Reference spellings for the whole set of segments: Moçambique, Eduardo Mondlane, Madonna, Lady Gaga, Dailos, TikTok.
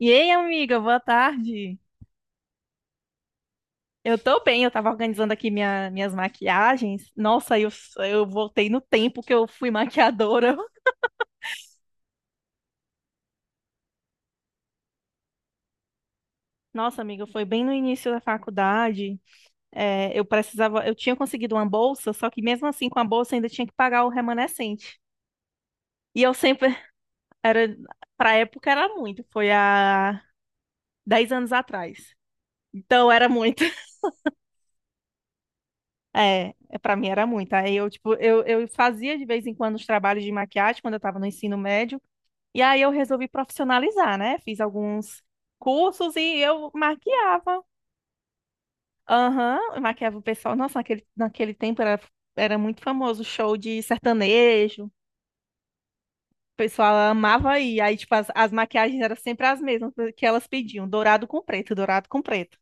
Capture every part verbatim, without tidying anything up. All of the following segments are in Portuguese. E aí, amiga, boa tarde. Eu tô bem, eu tava organizando aqui minha- minhas maquiagens. Nossa, eu, eu voltei no tempo que eu fui maquiadora. Nossa, amiga, foi bem no início da faculdade. É, eu precisava, eu tinha conseguido uma bolsa, só que mesmo assim, com a bolsa, ainda tinha que pagar o remanescente. E eu sempre, era, pra época era muito, foi há dez anos atrás. Então era muito. É, é, pra mim era muito. Aí eu, tipo, eu, eu fazia de vez em quando os trabalhos de maquiagem quando eu tava no ensino médio. E aí eu resolvi profissionalizar, né? Fiz alguns cursos e eu maquiava. Aham, eu maquiava o pessoal. Nossa, naquele, naquele tempo era, era muito famoso o show de sertanejo. O pessoal amava ir. Aí, tipo, as, as maquiagens eram sempre as mesmas que elas pediam. Dourado com preto, dourado com preto.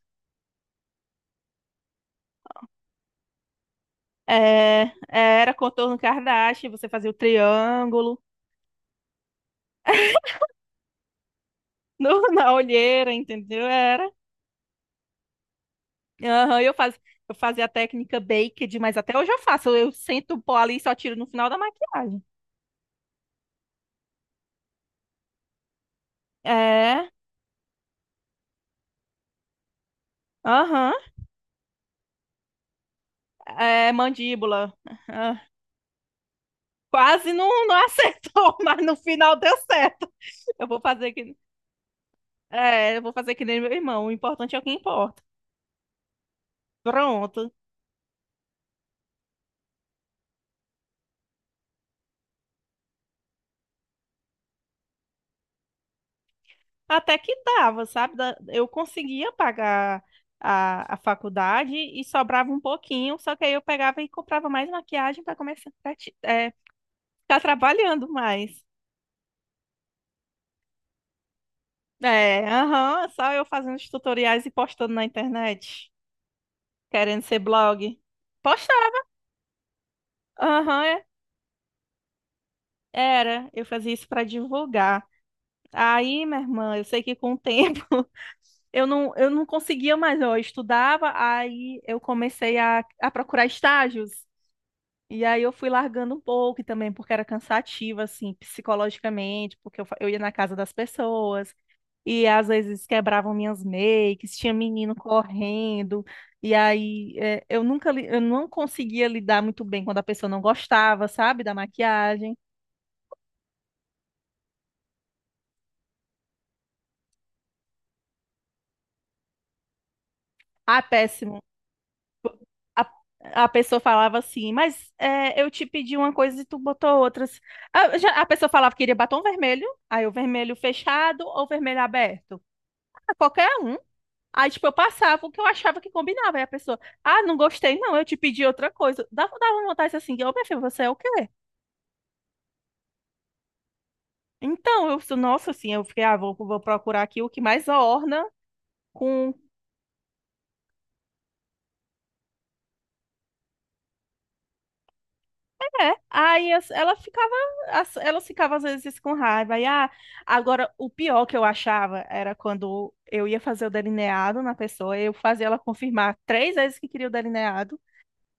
É, é, era contorno Kardashian, você fazia o triângulo no- na olheira, entendeu? Era Aham, eu faz, eu fazia a técnica baked, mas até hoje eu faço. Eu sento o pó ali e só tiro no final da maquiagem. É, aham, é mandíbula. Ah, quase não, não acertou, mas no final deu certo. Eu vou fazer que, é, eu vou fazer que nem meu irmão. O importante é o que importa. Pronto. Até que dava, sabe? Da- Eu conseguia pagar a, a faculdade e sobrava um pouquinho, só que aí eu pegava e comprava mais maquiagem para começar, para ficar trabalhando mais. É, aham, só eu fazendo os tutoriais e postando na internet, querendo ser blog. Postar, aham, é- era, eu fazia isso pra divulgar. Aí, minha irmã, eu sei que com o tempo eu não, eu não conseguia mais, ó, eu estudava, aí eu comecei a, a procurar estágios. E aí eu fui largando um pouco e também porque era cansativo, assim, psicologicamente, porque eu, fa- eu ia na casa das pessoas. E às vezes quebravam minhas makes, tinha menino correndo. E aí é, eu nunca li- eu não conseguia lidar muito bem quando a pessoa não gostava, sabe, da maquiagem. Ah, péssimo. A, a pessoa falava assim, mas é, eu te pedi uma coisa e tu botou outras. A, já- a pessoa falava que queria batom vermelho, aí o vermelho fechado ou vermelho aberto. Ah, qualquer um. Aí, tipo, eu passava o que eu achava que combinava. Aí a pessoa, ah, não gostei, não, eu te pedi outra coisa. Dava, dava uma vontade assim, ô, minha filha, você é o quê? Então, eu, nossa, assim, eu fiquei, ah, vou, vou procurar aqui o que mais orna com é. Aí as- ela ficava, as- elas ficavam às vezes com raiva. Aí, ah, agora o pior que eu achava era quando eu ia fazer o delineado na pessoa, eu fazia ela confirmar três vezes que queria o delineado.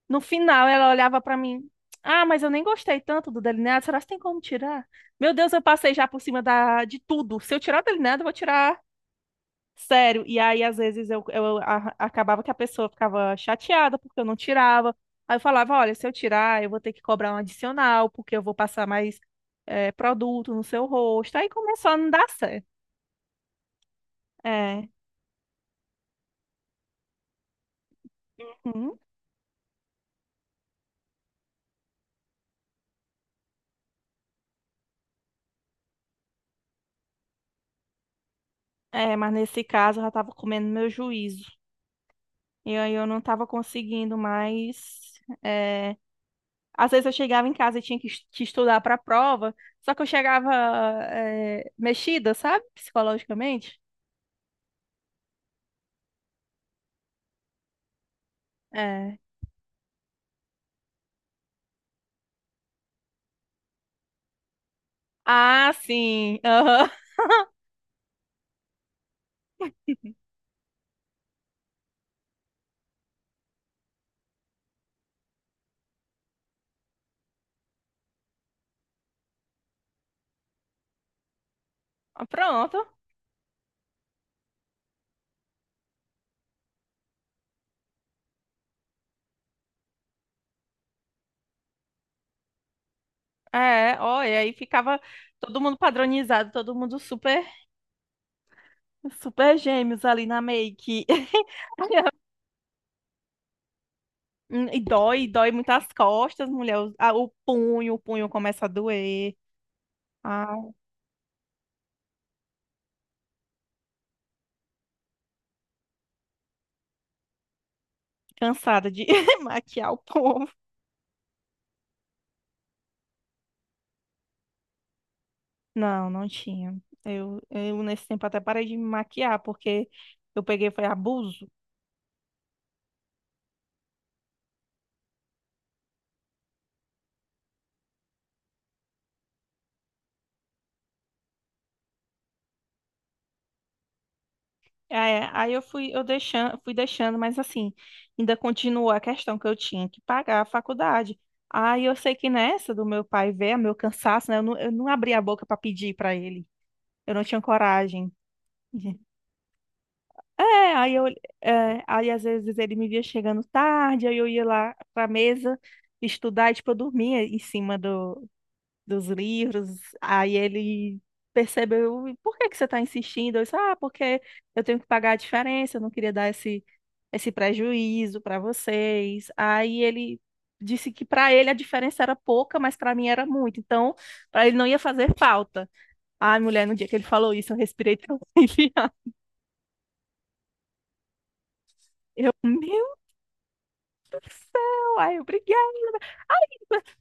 No final ela olhava pra mim, ah, mas eu nem gostei tanto do delineado, será que tem como tirar? Meu Deus, eu passei já por cima da, de tudo. Se eu tirar o delineado, eu vou tirar. Sério, e aí às vezes eu, eu a- acabava que a pessoa ficava chateada porque eu não tirava. Aí eu falava, olha, se eu tirar, eu vou ter que cobrar um adicional, porque eu vou passar mais eh, produto no seu rosto. Aí começou a não dar certo. É, uhum. É, mas nesse caso eu já tava comendo meu juízo. E aí eu não tava conseguindo mais. eh, Às vezes eu chegava em casa e tinha que es- que estudar para a prova, só que eu chegava eh, mexida, sabe? Psicologicamente. É Ah, sim. Aham. Ah, pronto. É, ó, e aí ficava todo mundo padronizado, todo mundo super, super gêmeos ali na make. Hum, e dói, dói muito as costas, mulher. O, a- o punho, o punho começa a doer. Ah, cansada de maquiar o povo. Não, não tinha. Eu, eu nesse tempo até parei de me maquiar, porque eu peguei, foi abuso. É, aí eu fui, eu deixando, fui deixando, mas assim, ainda continuou a questão que eu tinha que pagar a faculdade. Aí eu sei que nessa do meu pai ver, meu cansaço, né? Eu não, eu não abri a boca para pedir para ele. Eu não tinha coragem. de- É, aí eu, é, aí às vezes ele me via chegando tarde, aí eu ia lá para mesa estudar, e, tipo, eu dormia em cima do, dos livros. Aí ele percebeu, "E por que que você está insistindo?" Eu disse, ah, porque eu tenho que pagar a diferença, eu não queria dar esse, esse prejuízo para vocês. Aí ele disse que para ele a diferença era pouca, mas para mim era muito. Então, para ele não ia fazer falta. Ai, mulher, no dia que ele falou isso, eu respirei tão aliviada. Eu, meu Deus do céu! Ai, obrigada!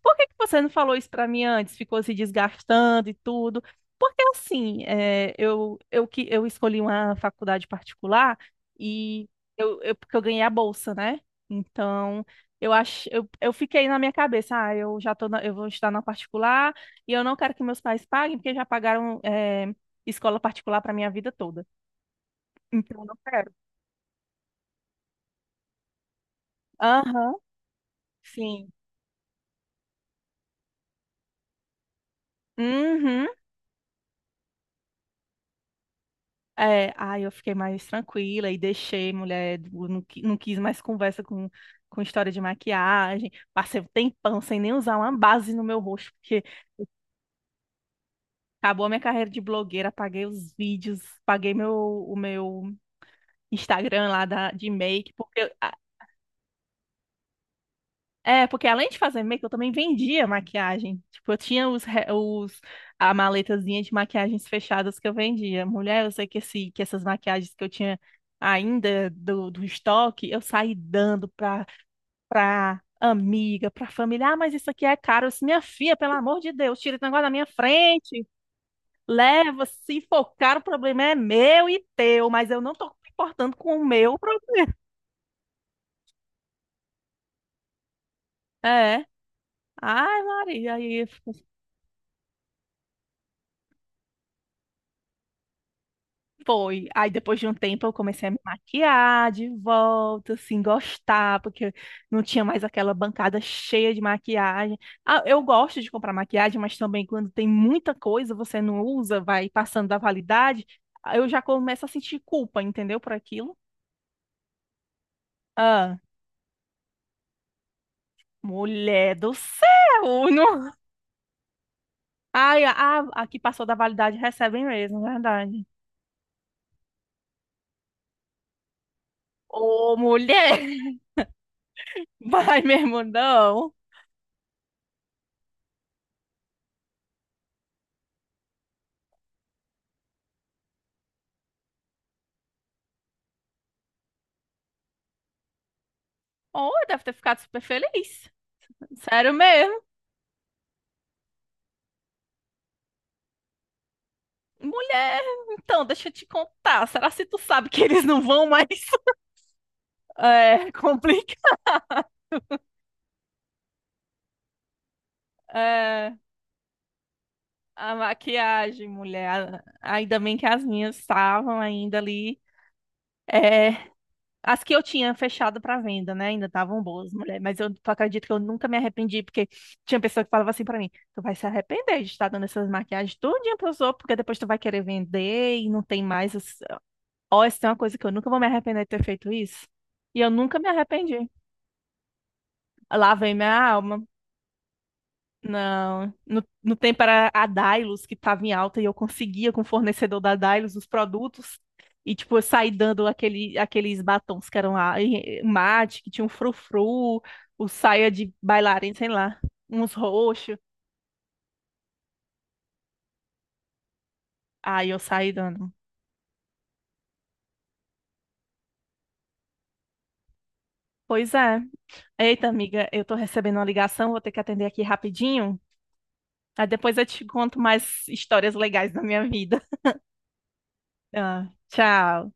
Por que que você não falou isso pra mim antes? Ficou se desgastando e tudo. Porque assim, é, eu, eu, que- eu escolhi uma faculdade particular e eu, eu- porque eu ganhei a bolsa, né? Então, eu acho, eu, eu fiquei na minha cabeça, ah, eu já tô na- eu vou estudar na particular e eu não quero que meus pais paguem, porque já pagaram, é, escola particular pra minha vida toda. Então, eu não quero. Aham, sim. Uhum. É, aí eu fiquei mais tranquila e deixei, mulher, eu não, qui- não quis mais conversa com, com história de maquiagem. Passei um tempão sem nem usar uma base no meu rosto, porque acabou a minha carreira de blogueira, apaguei os vídeos, paguei meu, o meu Instagram lá da, de make, porque é, porque além de fazer make, eu também vendia maquiagem. Tipo, eu tinha os, re- os a maletazinha de maquiagens fechadas que eu vendia. Mulher, eu sei que, esse, que essas maquiagens que eu tinha ainda do, do estoque, eu saí dando pra, pra amiga, pra família. Ah, mas isso aqui é caro. Eu disse, minha filha, pelo amor de Deus, tira esse negócio da minha frente. Leva, se for caro, o problema é meu e teu, mas eu não tô me importando com o meu problema. É. Ai, Maria, aí foi. Aí depois de um tempo eu comecei a me maquiar de volta, assim, gostar, porque não tinha mais aquela bancada cheia de maquiagem. Ah, eu gosto de comprar maquiagem, mas também quando tem muita coisa, você não usa, vai passando da validade, aí eu já começo a sentir culpa, entendeu? Por aquilo. Ah, mulher do céu! Não... Ai, a, a que passou da validade recebe mesmo, verdade. Ô, mulher! Vai mesmo, não. Oh, deve ter ficado super feliz. Sério mesmo. Mulher, então, deixa eu te contar. Será se tu sabe que eles não vão mais? É, complica. É, a maquiagem, mulher. Ainda bem que as minhas estavam ainda ali. É, as que eu tinha fechado para venda, né? Ainda estavam boas, mulher. Mas eu acredito que eu nunca me arrependi, porque tinha pessoa que falava assim para mim: tu vai se arrepender de estar dando essas maquiagens todinha pros outros, porque depois tu vai querer vender e não tem mais. Ó, isso é uma coisa que eu nunca vou me arrepender de ter feito isso. E eu nunca me arrependi. Lá vem minha alma. Não, no, no tempo era a Dailos que estava em alta e eu conseguia com o fornecedor da Dailos os produtos e tipo eu saí dando aquele, aqueles batons que eram lá, e- e mate, que tinha um frufru, o saia de bailarina, sei lá, uns roxos. Aí eu saí dando. Pois é. Eita, amiga, eu tô recebendo uma ligação, vou ter que atender aqui rapidinho. Aí depois eu te conto mais histórias legais da minha vida. Ah, tchau.